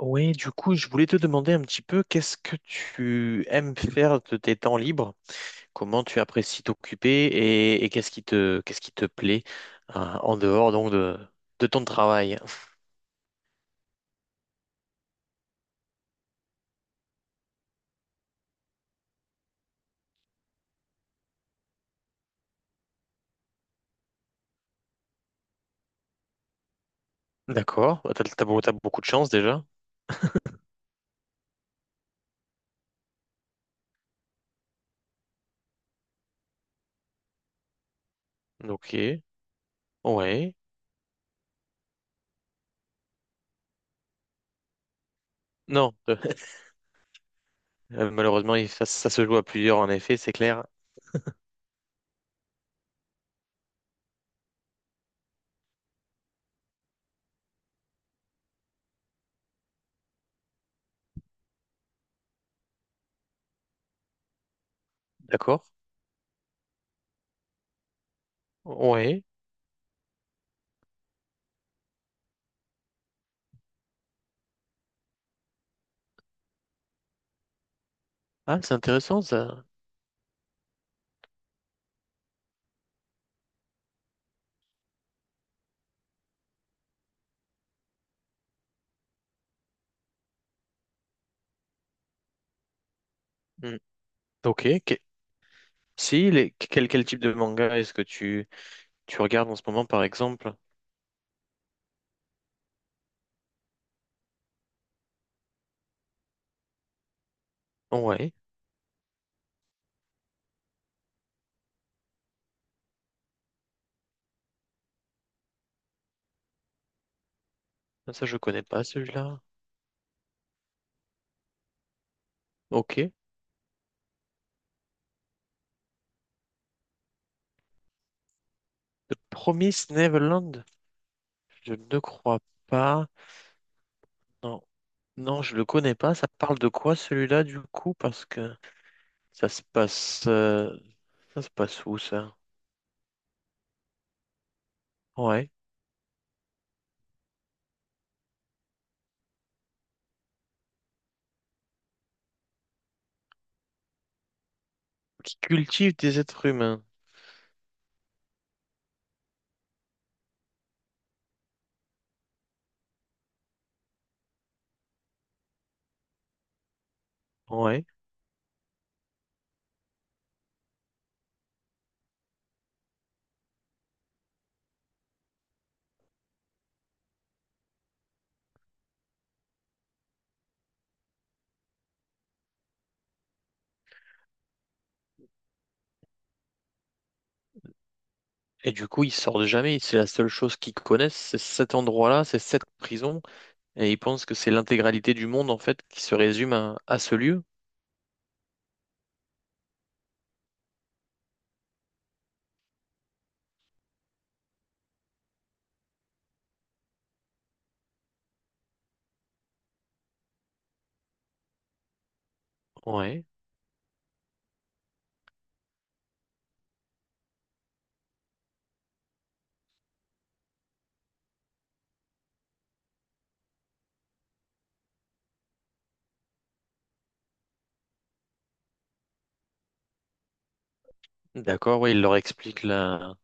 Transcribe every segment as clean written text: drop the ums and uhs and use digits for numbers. Oui, du coup, je voulais te demander un petit peu qu'est-ce que tu aimes faire de tes temps libres, comment tu apprécies t'occuper et qu'est-ce qu'est-ce qui te plaît en dehors donc de ton travail. D'accord, t'as beaucoup de chance déjà. Ok, ouais. Non, malheureusement, ça, ça se joue à plusieurs en effet, c'est clair. D'accord, ouais. Ah, c'est intéressant ça. Hmm. Ok, si, quel type de manga est-ce que tu regardes en ce moment, par exemple? Ouais, ça je connais pas celui-là. Ok. The Promised Neverland? Je ne crois pas. Non, non, je le connais pas. Ça parle de quoi celui-là du coup? Parce que ça se passe, euh, ça se passe où ça? Ouais. Qui cultive des êtres humains. Ouais. Et du coup, ils sortent jamais. C'est la seule chose qu'ils connaissent, c'est cet endroit-là, c'est cette prison. Et ils pensent que c'est l'intégralité du monde, en fait, qui se résume à ce lieu. Ouais. D'accord, ouais, il leur explique la…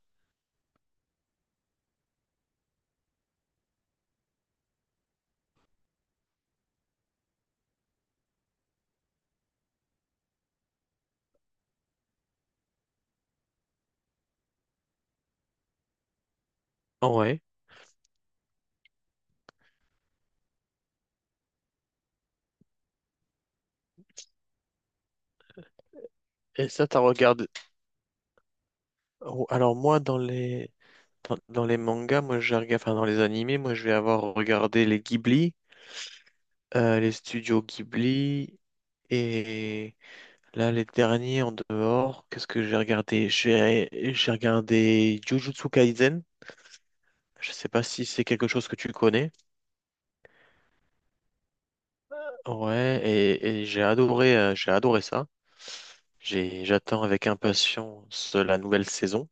Ouais. Et ça, t'as regardé… Oh, alors moi, dans les… dans les mangas, moi, j'ai regardé… Enfin, dans les animés, moi, je vais avoir regardé les Ghibli, les studios Ghibli, et là, les derniers en dehors, qu'est-ce que j'ai regardé? J'ai regardé Jujutsu Kaisen. Je sais pas si c'est quelque chose que tu connais. Ouais, et j'ai adoré ça. J'ai, j'attends avec impatience la nouvelle saison.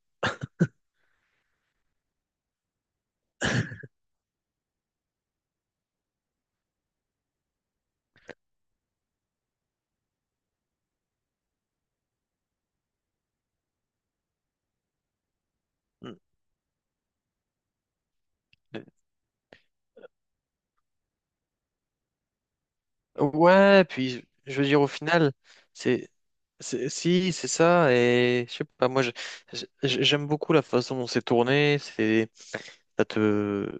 Mm. Ouais, puis je veux dire au final, c'est, si, c'est ça, et je sais pas, j'aime beaucoup la façon dont c'est tourné, c'est, ça te,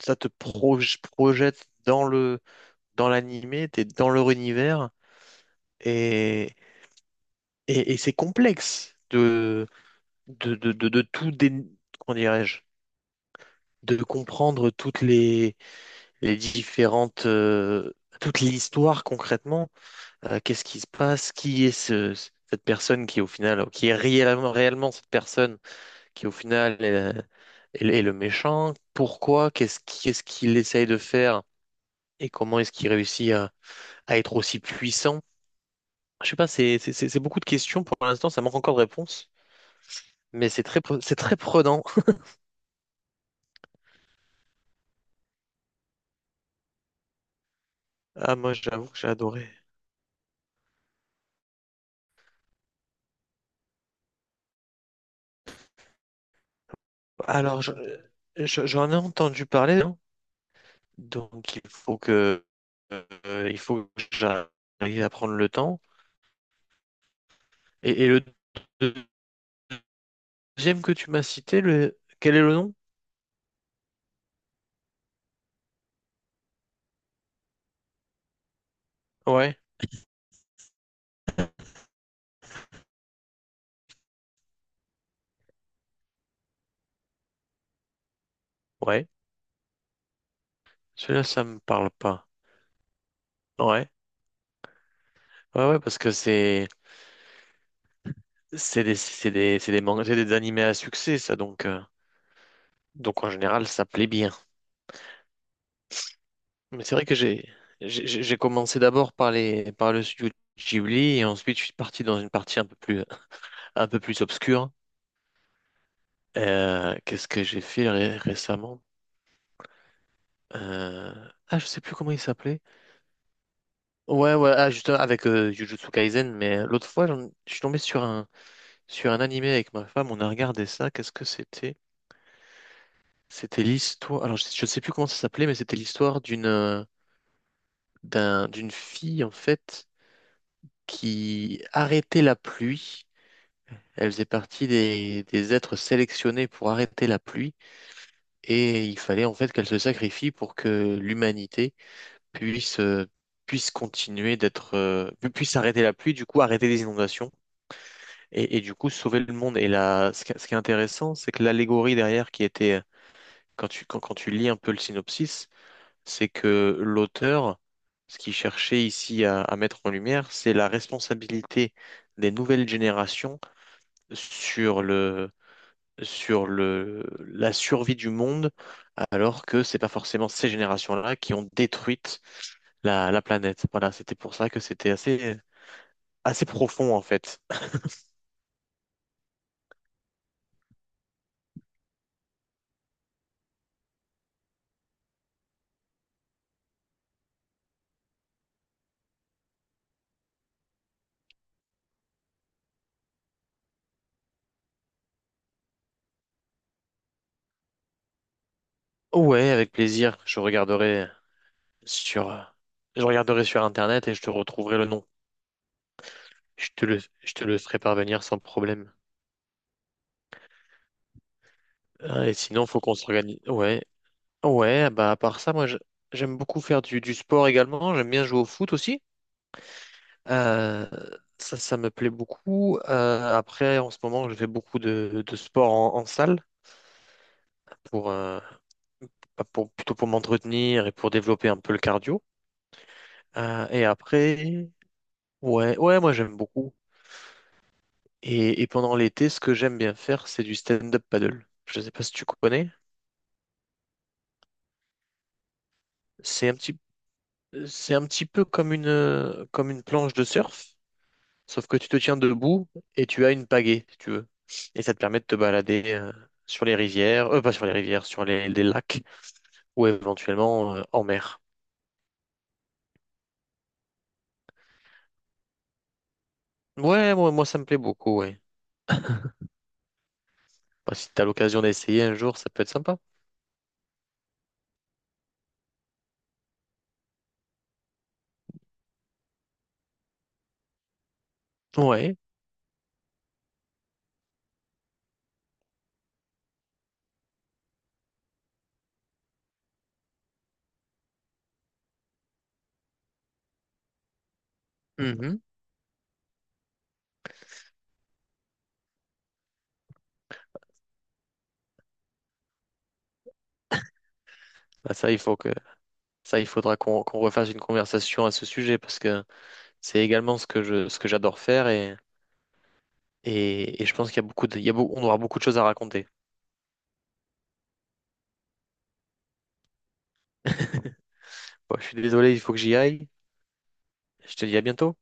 projette dans le, dans l'animé, t'es dans leur univers, et, et c'est complexe de tout dé, comment dirais-je? De comprendre toutes les différentes, toute l'histoire concrètement. Qu'est-ce qui se passe? Qui est cette personne qui au final, qui est réellement, réellement cette personne qui au final est le méchant? Pourquoi? Qu'est-ce qu'il essaye de faire? Et comment est-ce qu'il réussit à être aussi puissant? Je sais pas, c'est beaucoup de questions. Pour l'instant, ça manque encore de réponses. Mais c'est très, c'est très prenant. Ah, moi, j'avoue que j'ai adoré. Alors, j'en ai entendu parler. Donc il faut que j'arrive à prendre le temps. Et le deuxième que tu m'as cité, le quel est le nom? Ouais, ouais. Celui-là, ça me parle pas. Ouais, ouais, ouais, parce que c'est des mangas, c'est des animés à succès, ça. Donc en général, ça plaît bien. Mais c'est vrai que j'ai commencé d'abord par les par le studio Ghibli, et ensuite je suis parti dans une partie un peu plus obscure. Qu'est-ce que j'ai fait récemment? Euh, Ah, je sais plus comment il s'appelait. Ouais, ouais, ah, justement, avec Jujutsu Kaisen, mais l'autre fois, je suis tombé sur un animé avec ma femme, on a regardé ça, qu'est-ce que c'était? C'était l'histoire, alors je sais plus comment ça s'appelait, mais c'était l'histoire d'une d'une fille, en fait, qui arrêtait la pluie. Elle faisait partie des êtres sélectionnés pour arrêter la pluie, et il fallait, en fait, qu'elle se sacrifie pour que l'humanité puisse, puisse continuer d'être, puisse arrêter la pluie, du coup arrêter les inondations et du coup sauver le monde. Et là, ce qui est intéressant, c'est que l'allégorie derrière qui était, quand tu lis un peu le synopsis, c'est que l'auteur, ce qu'il cherchait ici à mettre en lumière, c'est la responsabilité des nouvelles générations sur le, la survie du monde, alors que c'est pas forcément ces générations-là qui ont détruit la, la planète. Voilà, c'était pour ça que c'était assez, assez profond en fait. Ouais, avec plaisir. Sur, je regarderai sur Internet et je te retrouverai le nom. Je te le ferai parvenir sans problème. Ah, et sinon, faut qu'on s'organise. Ouais, ouais. Bah à part ça, j'aime beaucoup faire du sport également. J'aime bien jouer au foot aussi. Euh, ça me plaît beaucoup. Après, en ce moment, je fais beaucoup de sport en salle pour, bah, pour, plutôt pour m'entretenir et pour développer un peu le cardio. Et après, ouais, ouais, moi j'aime beaucoup. Et pendant l'été, ce que j'aime bien faire, c'est du stand-up paddle. Je ne sais pas si tu connais. C'est un petit, c'est un petit peu comme une planche de surf, sauf que tu te tiens debout et tu as une pagaie, si tu veux. Et ça te permet de te balader sur les rivières, pas sur les rivières, sur les lacs ou éventuellement en mer. Ouais, moi, moi ça me plaît beaucoup, ouais. Bah, si t'as l'occasion d'essayer un jour, ça peut être sympa. Ouais. Mhm. Bah, ça, il faut que ça, il faudra qu'on refasse une conversation à ce sujet, parce que c'est également ce que je ce que j'adore faire, et je pense qu'il y a beaucoup de, il y a beau- on aura beaucoup de choses à raconter. Bon, je suis désolé, il faut que j'y aille. Je te dis à bientôt.